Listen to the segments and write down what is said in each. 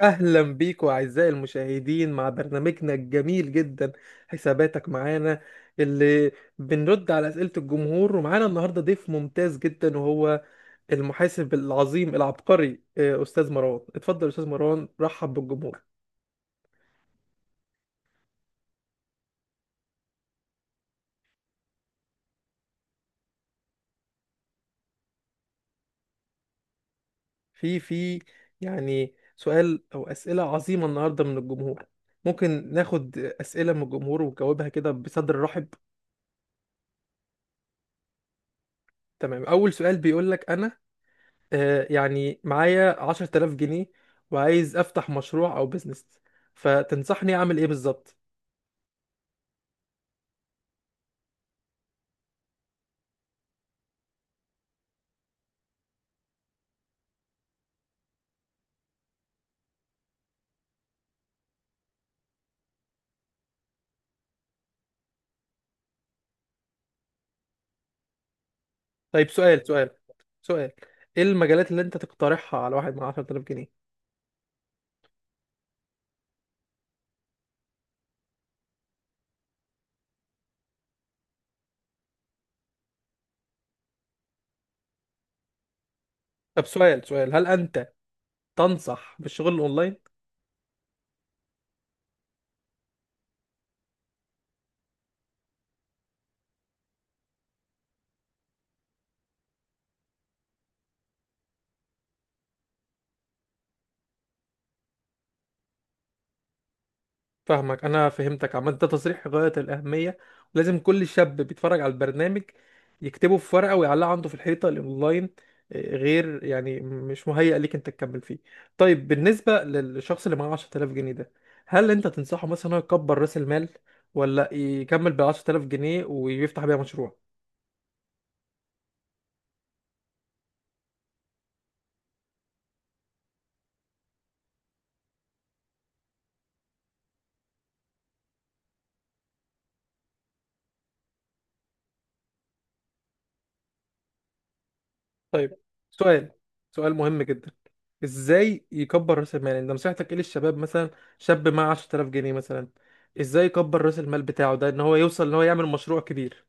اهلا بيكم اعزائي المشاهدين مع برنامجنا الجميل جدا، حساباتك معانا، اللي بنرد على اسئله الجمهور. ومعانا النهارده ضيف ممتاز جدا، وهو المحاسب العظيم العبقري، استاذ مروان. اتفضل يا استاذ مروان، رحب بالجمهور. في يعني سؤال او اسئله عظيمه النهارده من الجمهور. ممكن ناخد اسئله من الجمهور ونجاوبها كده بصدر رحب. تمام. اول سؤال بيقول لك: انا يعني معايا 10000 جنيه وعايز أفتح مشروع أو بيزنس، فتنصحني أعمل إيه بالظبط؟ طيب، سؤال: إيه المجالات اللي أنت تقترحها على واحد مع 10000 جنيه؟ طب، سؤال: هل أنت تنصح بالشغل الأونلاين؟ فاهمك، انا فهمتك. عامه ده تصريح غايه الاهميه، ولازم كل شاب بيتفرج على البرنامج يكتبه في ورقه ويعلقه عنده في الحيطه. الاونلاين غير يعني مش مهيأ ليك انت تكمل فيه. طيب، بالنسبه للشخص اللي معاه 10000 جنيه ده، هل انت تنصحه مثلا إنه يكبر راس المال، ولا يكمل بال 10000 جنيه ويفتح بيها مشروع؟ طيب، سؤال سؤال مهم جدا: ازاي يكبر راس المال؟ يعني انت نصيحتك ايه للشباب مثلا؟ شاب معاه 10000 جنيه مثلا، ازاي يكبر راس المال بتاعه ده ان هو يوصل ان هو يعمل مشروع كبير؟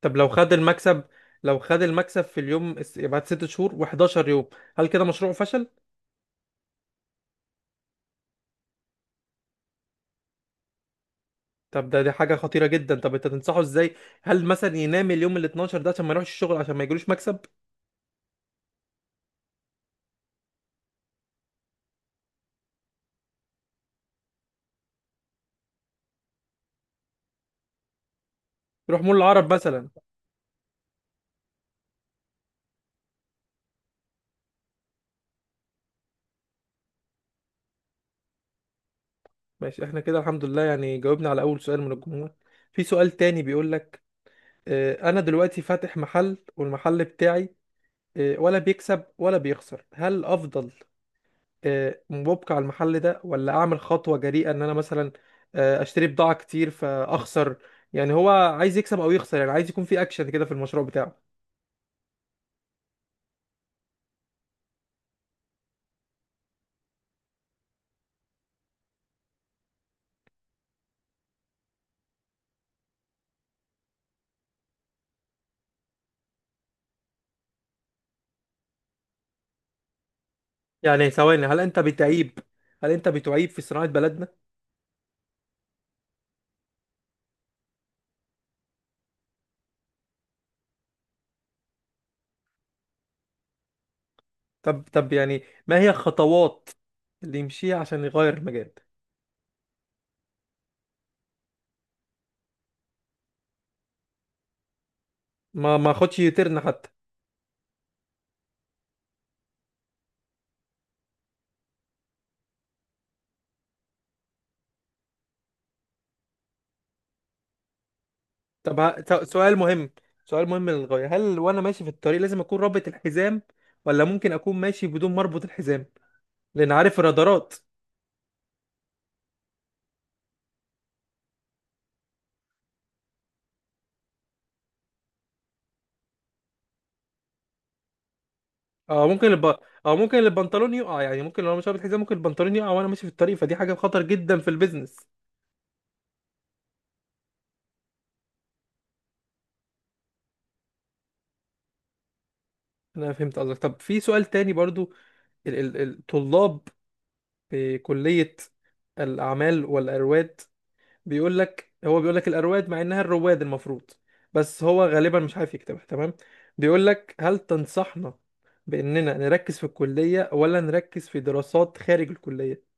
طب، لو خد المكسب في اليوم بعد 6 شهور و11 يوم، هل كده مشروعه فشل؟ طب، دي حاجة خطيرة جدا. طب انت تنصحه ازاي؟ هل مثلا ينام اليوم ال 12 ده عشان ما يروحش الشغل، عشان ما يجيلوش مكسب؟ يروح مول العرب مثلا؟ ماشي، احنا كده الحمد لله يعني جاوبنا على اول سؤال من الجمهور. في سؤال تاني بيقول لك: انا دلوقتي فاتح محل، والمحل بتاعي ولا بيكسب ولا بيخسر. هل الافضل مبقى على المحل ده، ولا اعمل خطوة جريئة ان انا مثلا اشتري بضاعة كتير فاخسر؟ يعني هو عايز يكسب او يخسر. يعني عايز يكون في اكشن كده في المشروع بتاعه. يعني ثواني، هل انت بتعيب في صناعة بلدنا؟ طب يعني ما هي الخطوات اللي يمشيها عشان يغير المجال؟ ما خدش يترن حتى. طب، سؤال مهم للغاية: هل وانا ماشي في الطريق لازم اكون رابط الحزام، ولا ممكن اكون ماشي بدون ما اربط الحزام؟ لان عارف الرادارات. اه ممكن الب... اه ممكن البنطلون يقع، يعني ممكن لو مش رابط الحزام ممكن البنطلون يقع وانا ماشي في الطريق، فدي حاجة خطر جدا في البيزنس. انا فهمت قصدك. طب في سؤال تاني برضو. الطلاب في كلية الاعمال والارواد، بيقول لك هو بيقول لك الأرواد مع إنها الرواد المفروض، بس هو غالبا مش عارف يكتبها تمام. بيقول لك: هل تنصحنا بإننا نركز في الكلية ولا نركز في دراسات خارج الكلية؟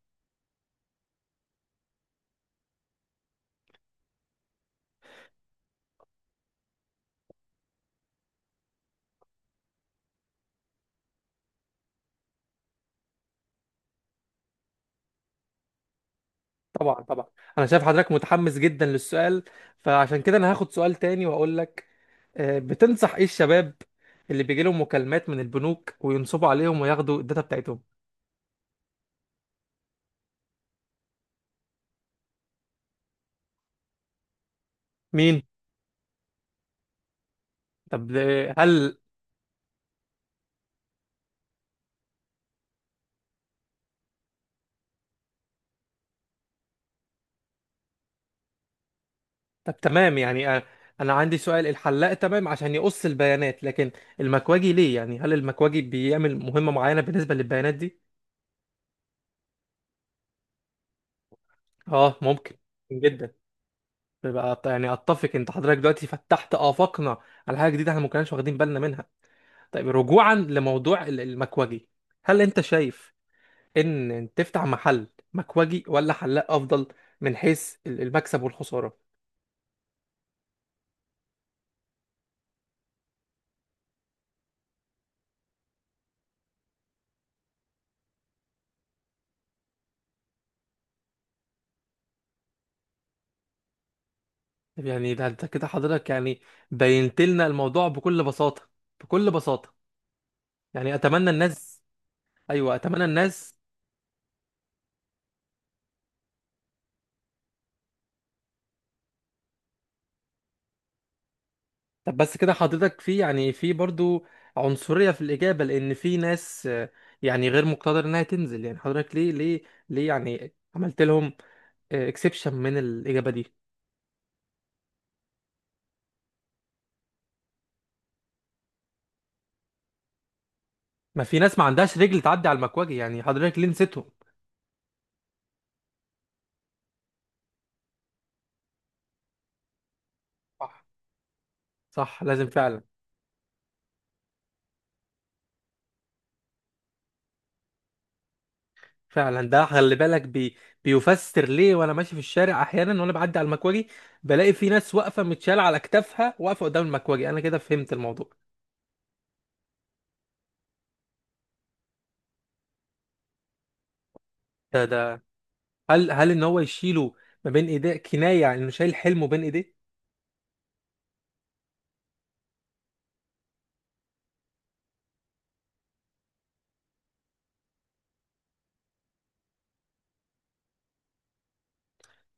طبعا طبعا. أنا شايف حضرتك متحمس جدا للسؤال، فعشان كده أنا هاخد سؤال تاني وأقول لك: بتنصح إيه الشباب اللي بيجي لهم مكالمات من البنوك وينصبوا عليهم وياخدوا الداتا بتاعتهم؟ مين؟ طب، هل... طب تمام، يعني انا عندي سؤال. الحلاق تمام عشان يقص البيانات، لكن المكواجي ليه؟ يعني هل المكواجي بيعمل مهمة معينة بالنسبة للبيانات دي؟ اه ممكن جدا. بيبقى يعني اتفق، انت حضرتك دلوقتي فتحت آفاقنا على حاجة جديدة احنا ما كناش واخدين بالنا منها. طيب رجوعا لموضوع المكواجي. هل انت شايف ان تفتح محل مكواجي ولا حلاق افضل من حيث المكسب والخسارة؟ يعني ده انت كده حضرتك يعني بينت لنا الموضوع بكل بساطة، بكل بساطة. يعني اتمنى الناس. ايوه، اتمنى الناس. طب بس كده حضرتك يعني في برضو عنصرية في الإجابة، لأن في ناس يعني غير مقتدرة إنها تنزل. يعني حضرتك ليه يعني عملت لهم اكسبشن من الإجابة دي؟ ما في ناس ما عندهاش رجل تعدي على المكواجي؟ يعني حضرتك ليه نسيتهم؟ صح، صح، لازم فعلا. فعلا، ده خلي بالك بيفسر ليه وانا ماشي في الشارع احيانا وانا بعدي على المكواجي. بلاقي في ناس واقفه متشاله على اكتافها واقفه قدام المكواجي. انا كده فهمت الموضوع. ده هل ان هو يشيله ما بين ايديه كنايه، يعني انه شايل حلمه بين ايديه؟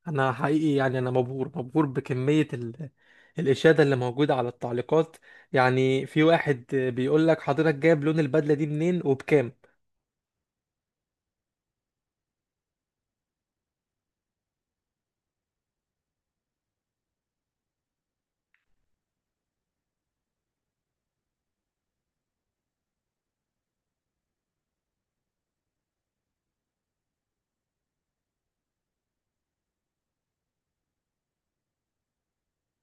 انا حقيقي يعني انا مبهور، مبهور بكميه الاشاده اللي موجوده على التعليقات. يعني في واحد بيقول لك: حضرتك جايب لون البدله دي منين وبكام؟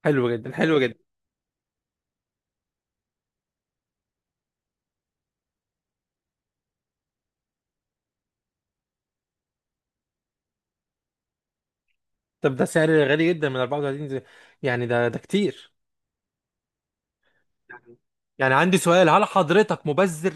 حلو جدا، حلو جدا. طب ده سعر غالي جدا. من 34 يعني ده كتير. يعني يعني عندي سؤال: هل حضرتك مبذر؟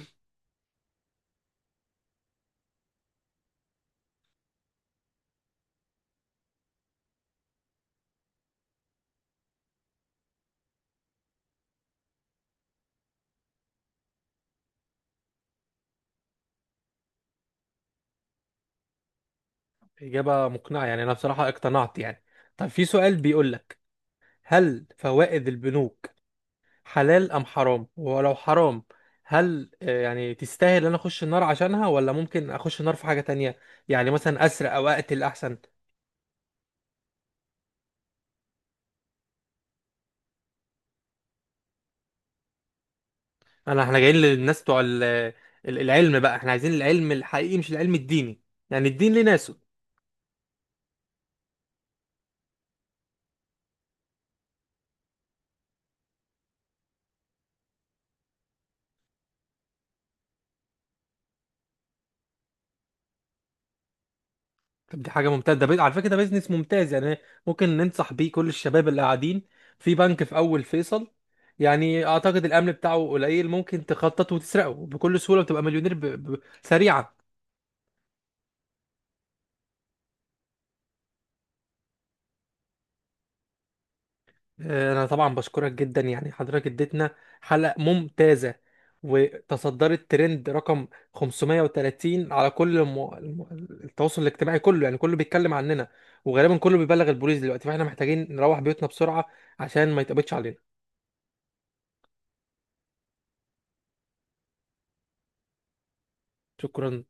اجابه مقنعه، يعني انا بصراحه اقتنعت يعني. طب في سؤال بيقول لك: هل فوائد البنوك حلال ام حرام؟ ولو حرام، هل يعني تستاهل انا اخش النار عشانها، ولا ممكن اخش النار في حاجة تانية؟ يعني مثلا اسرق او اقتل احسن؟ احنا جايين للناس بتوع العلم بقى. احنا عايزين العلم الحقيقي مش العلم الديني، يعني الدين ليه ناسه. طب دي حاجة ممتازة. ده على فكرة ده بيزنس ممتاز يعني. ممكن ننصح بيه كل الشباب اللي قاعدين في بنك في اول فيصل. يعني اعتقد الامن بتاعه قليل، ممكن تخطط وتسرقه بكل سهولة وتبقى مليونير سريعا. انا طبعا بشكرك جدا، يعني حضرتك اديتنا حلقة ممتازة، وتصدرت ترند رقم 530 على كل التواصل الاجتماعي كله، يعني كله بيتكلم عننا، وغالبا كله بيبلغ البوليس دلوقتي، فاحنا محتاجين نروح بيوتنا بسرعة عشان ما يتقبضش علينا. شكرا.